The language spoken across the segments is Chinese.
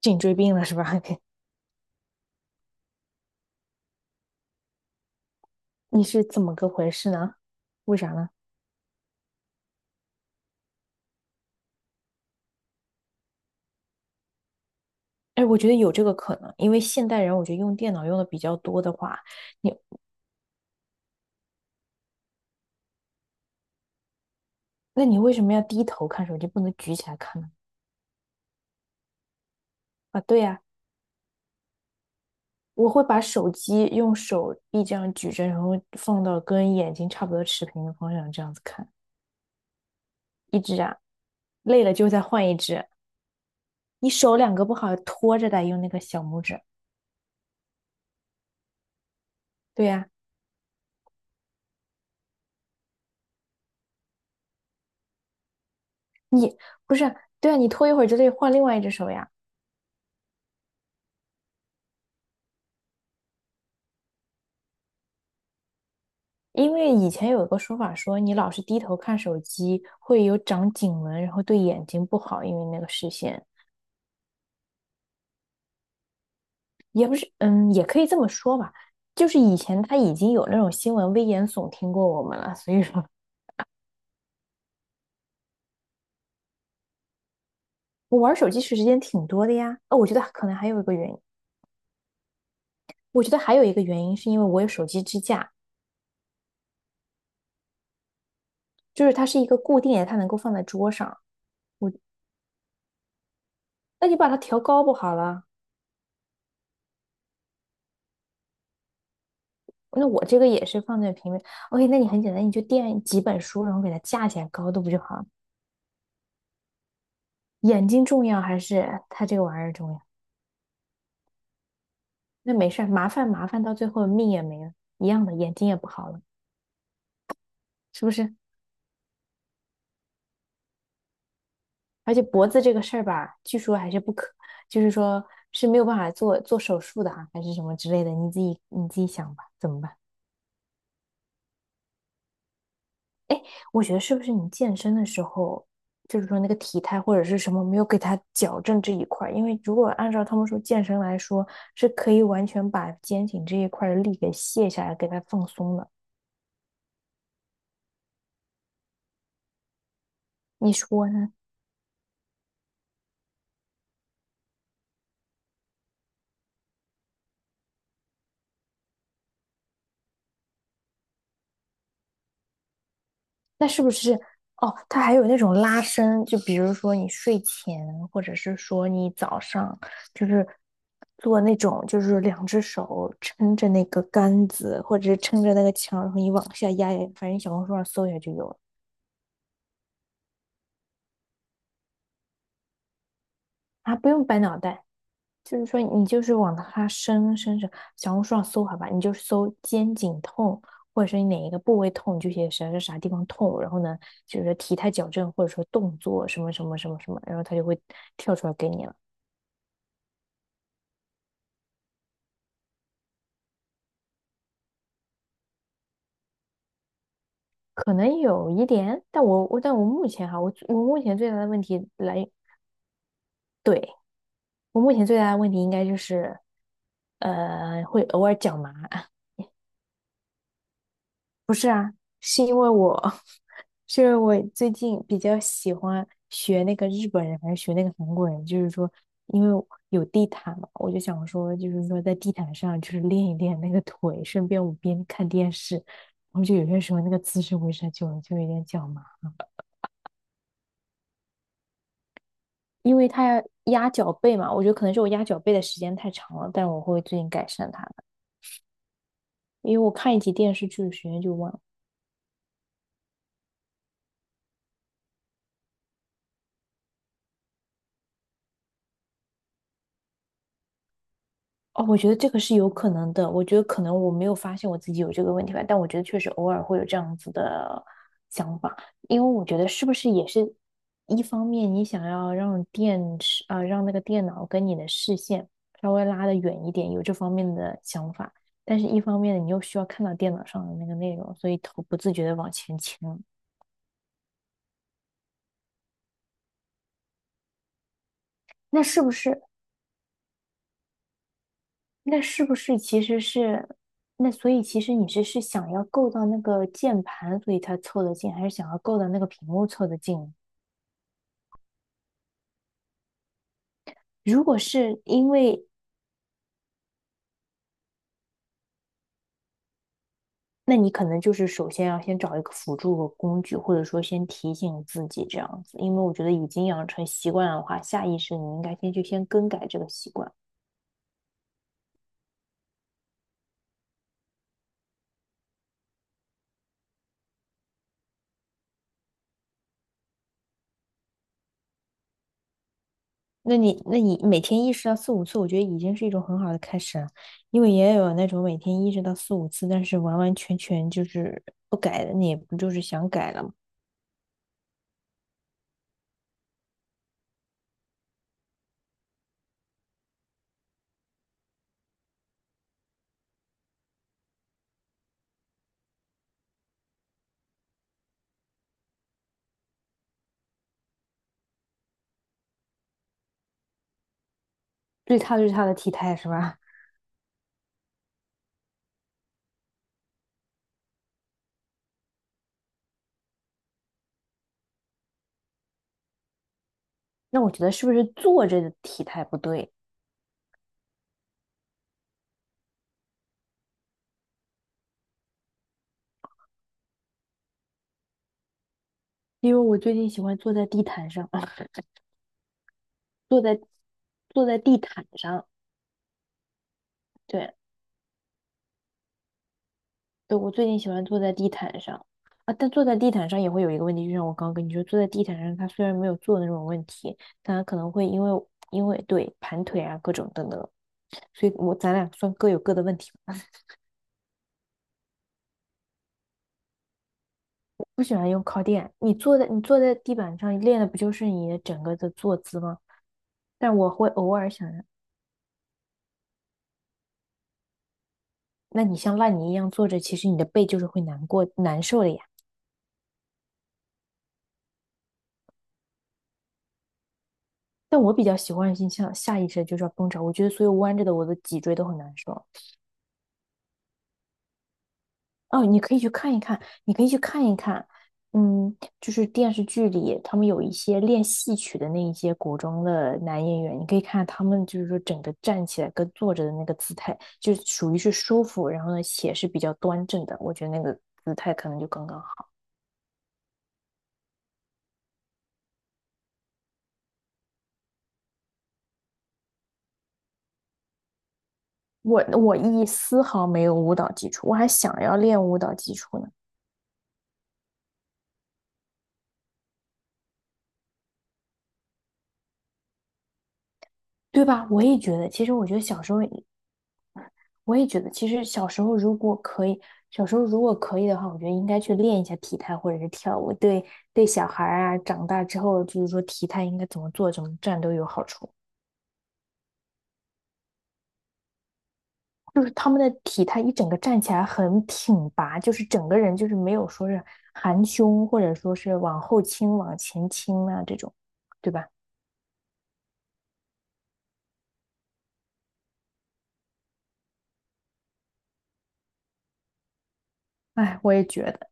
颈椎病了是吧？你是怎么个回事呢？为啥呢？哎，我觉得有这个可能，因为现代人我觉得用电脑用的比较多的话，你那你为什么要低头看手机，不能举起来看呢？啊，对呀，我会把手机用手臂这样举着，然后放到跟眼睛差不多持平的方向这样子看。一只啊，累了就再换一只。你手两个不好拖着的，用那个小拇指。对呀，不是啊，对啊，你拖一会儿就得换另外一只手呀。因为以前有一个说法说，你老是低头看手机会有长颈纹，然后对眼睛不好，因为那个视线也不是，也可以这么说吧。就是以前他已经有那种新闻危言耸听过我们了，所以说我玩手机时间挺多的呀。哦，我觉得可能还有一个原因。我觉得还有一个原因是因为我有手机支架，就是它是一个固定的，它能够放在桌上。我，那你把它调高不好了？那我这个也是放在平面。OK，那你很简单，你就垫几本书，然后给它架起来高度不就好了？眼睛重要还是他这个玩意儿重要？那没事儿，麻烦麻烦到最后命也没了，一样的，眼睛也不好了，是不是？而且脖子这个事儿吧，据说还是不可，就是说是没有办法做手术的啊，还是什么之类的，你自己想吧，怎么办？哎，我觉得是不是你健身的时候，就是说那个体态或者是什么没有给他矫正这一块儿？因为如果按照他们说健身来说，是可以完全把肩颈这一块儿的力给卸下来，给它放松的，你说呢？那是不是哦？它还有那种拉伸，就比如说你睡前，或者是说你早上，就是做那种，就是两只手撑着那个杆子，或者是撑着那个墙，然后你往下压压，反正小红书上搜一下就有了。啊，不用掰脑袋。就是说你就是往它深小红书上搜好吧，你就搜肩颈痛，或者说你哪一个部位痛，你就写啥啥啥地方痛，然后呢，就是体态矫正或者说动作什么什么什么什么，然后它就会跳出来给你了。可能有一点，但但我目前哈，我目前最大的问题来，对，我目前最大的问题应该就是，会偶尔脚麻。是因为我，是因为我最近比较喜欢学那个日本人还是学那个韩国人，就是说，因为有地毯嘛，我就想说，就是说在地毯上就是练一练那个腿，顺便我边看电视，然后就有些时候那个姿势维持久了就有点脚麻，因为他要压脚背嘛，我觉得可能是我压脚背的时间太长了，但我会最近改善它的，因为我看一集电视剧的时间就忘了。哦，我觉得这个是有可能的。我觉得可能我没有发现我自己有这个问题吧，但我觉得确实偶尔会有这样子的想法，因为我觉得是不是也是一方面，你想要让电视啊、让那个电脑跟你的视线稍微拉得远一点，有这方面的想法，但是一方面你又需要看到电脑上的那个内容，所以头不自觉的往前倾了。那是不是？那是不是其实是，那所以其实你是想要够到那个键盘，所以才凑得近，还是想要够到那个屏幕凑得近？如果是因为，那你可能就是首先要先找一个辅助的工具，或者说先提醒自己这样子，因为我觉得已经养成习惯的话，下意识你应该先更改这个习惯。那你每天意识到四五次，我觉得已经是一种很好的开始了，因为也有那种每天意识到四五次，但是完完全全就是不改的，你也不就是想改了吗？最差最差的体态是吧？那我觉得是不是坐着的体态不对？因为我最近喜欢坐在地毯上，坐在坐在地毯上。对。对，我最近喜欢坐在地毯上。啊，但坐在地毯上也会有一个问题，就像我刚刚跟你说，坐在地毯上，它虽然没有坐的那种问题，但它可能会因为对盘腿啊各种等等，所以我咱俩算各有各的问题吧。不喜欢用靠垫，你坐在地板上练的不就是你的整个的坐姿吗？但我会偶尔想着。那你像烂泥一样坐着，其实你的背就是会难过难受的呀。但我比较习惯性向下意识地就是要绷着，我觉得所有弯着的我的脊椎都很难受。哦，你可以去看一看，嗯，就是电视剧里他们有一些练戏曲的那一些古装的男演员，你可以看他们就是说整个站起来跟坐着的那个姿态，就属于是舒服，然后呢且是比较端正的，我觉得那个姿态可能就刚刚好。我一丝毫没有舞蹈基础，我还想要练舞蹈基础呢，对吧？我也觉得，其实我觉得小时候我也觉得，其实小时候如果可以，小时候如果可以的话，我觉得应该去练一下体态或者是跳舞，对小孩儿啊，长大之后就是说体态应该怎么做，怎么站都有好处。就是他们的体态一整个站起来很挺拔，就是整个人就是没有说是含胸或者说是往后倾、往前倾啊这种，对吧？哎，我也觉得。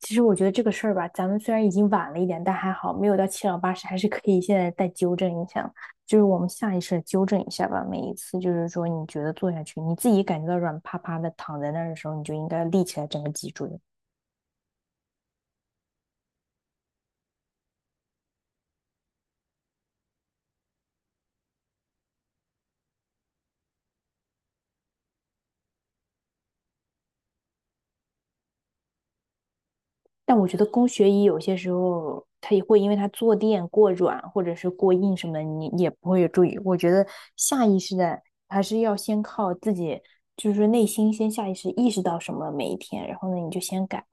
其实我觉得这个事儿吧，咱们虽然已经晚了一点，但还好没有到七老八十，还是可以现在再纠正一下，就是我们下意识地纠正一下吧。每一次就是说你觉得坐下去，你自己感觉到软趴趴的躺在那儿的时候，你就应该立起来整个脊椎。但我觉得工学椅有些时候它也会因为它坐垫过软或者是过硬什么的，你也不会有注意。我觉得下意识的还是要先靠自己，就是内心先下意识意识到什么每一天，然后呢你就先改。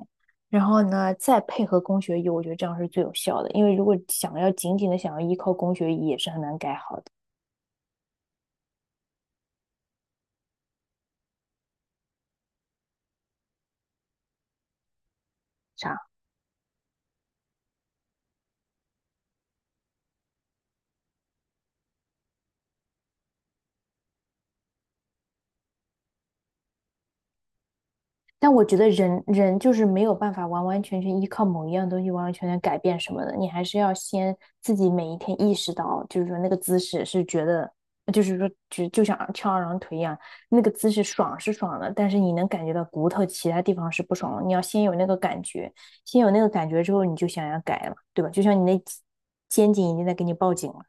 然后呢，再配合供学医，我觉得这样是最有效的。因为如果想要紧紧的想要依靠供学医，也是很难改好的。啥？但我觉得人人就是没有办法完完全全依靠某一样东西完完全全改变什么的，你还是要先自己每一天意识到，就是说那个姿势是觉得，就像翘二郎腿一样，那个姿势爽是爽了，但是你能感觉到骨头其他地方是不爽了。你要先有那个感觉，先有那个感觉之后，你就想要改了，对吧？就像你那肩颈已经在给你报警了。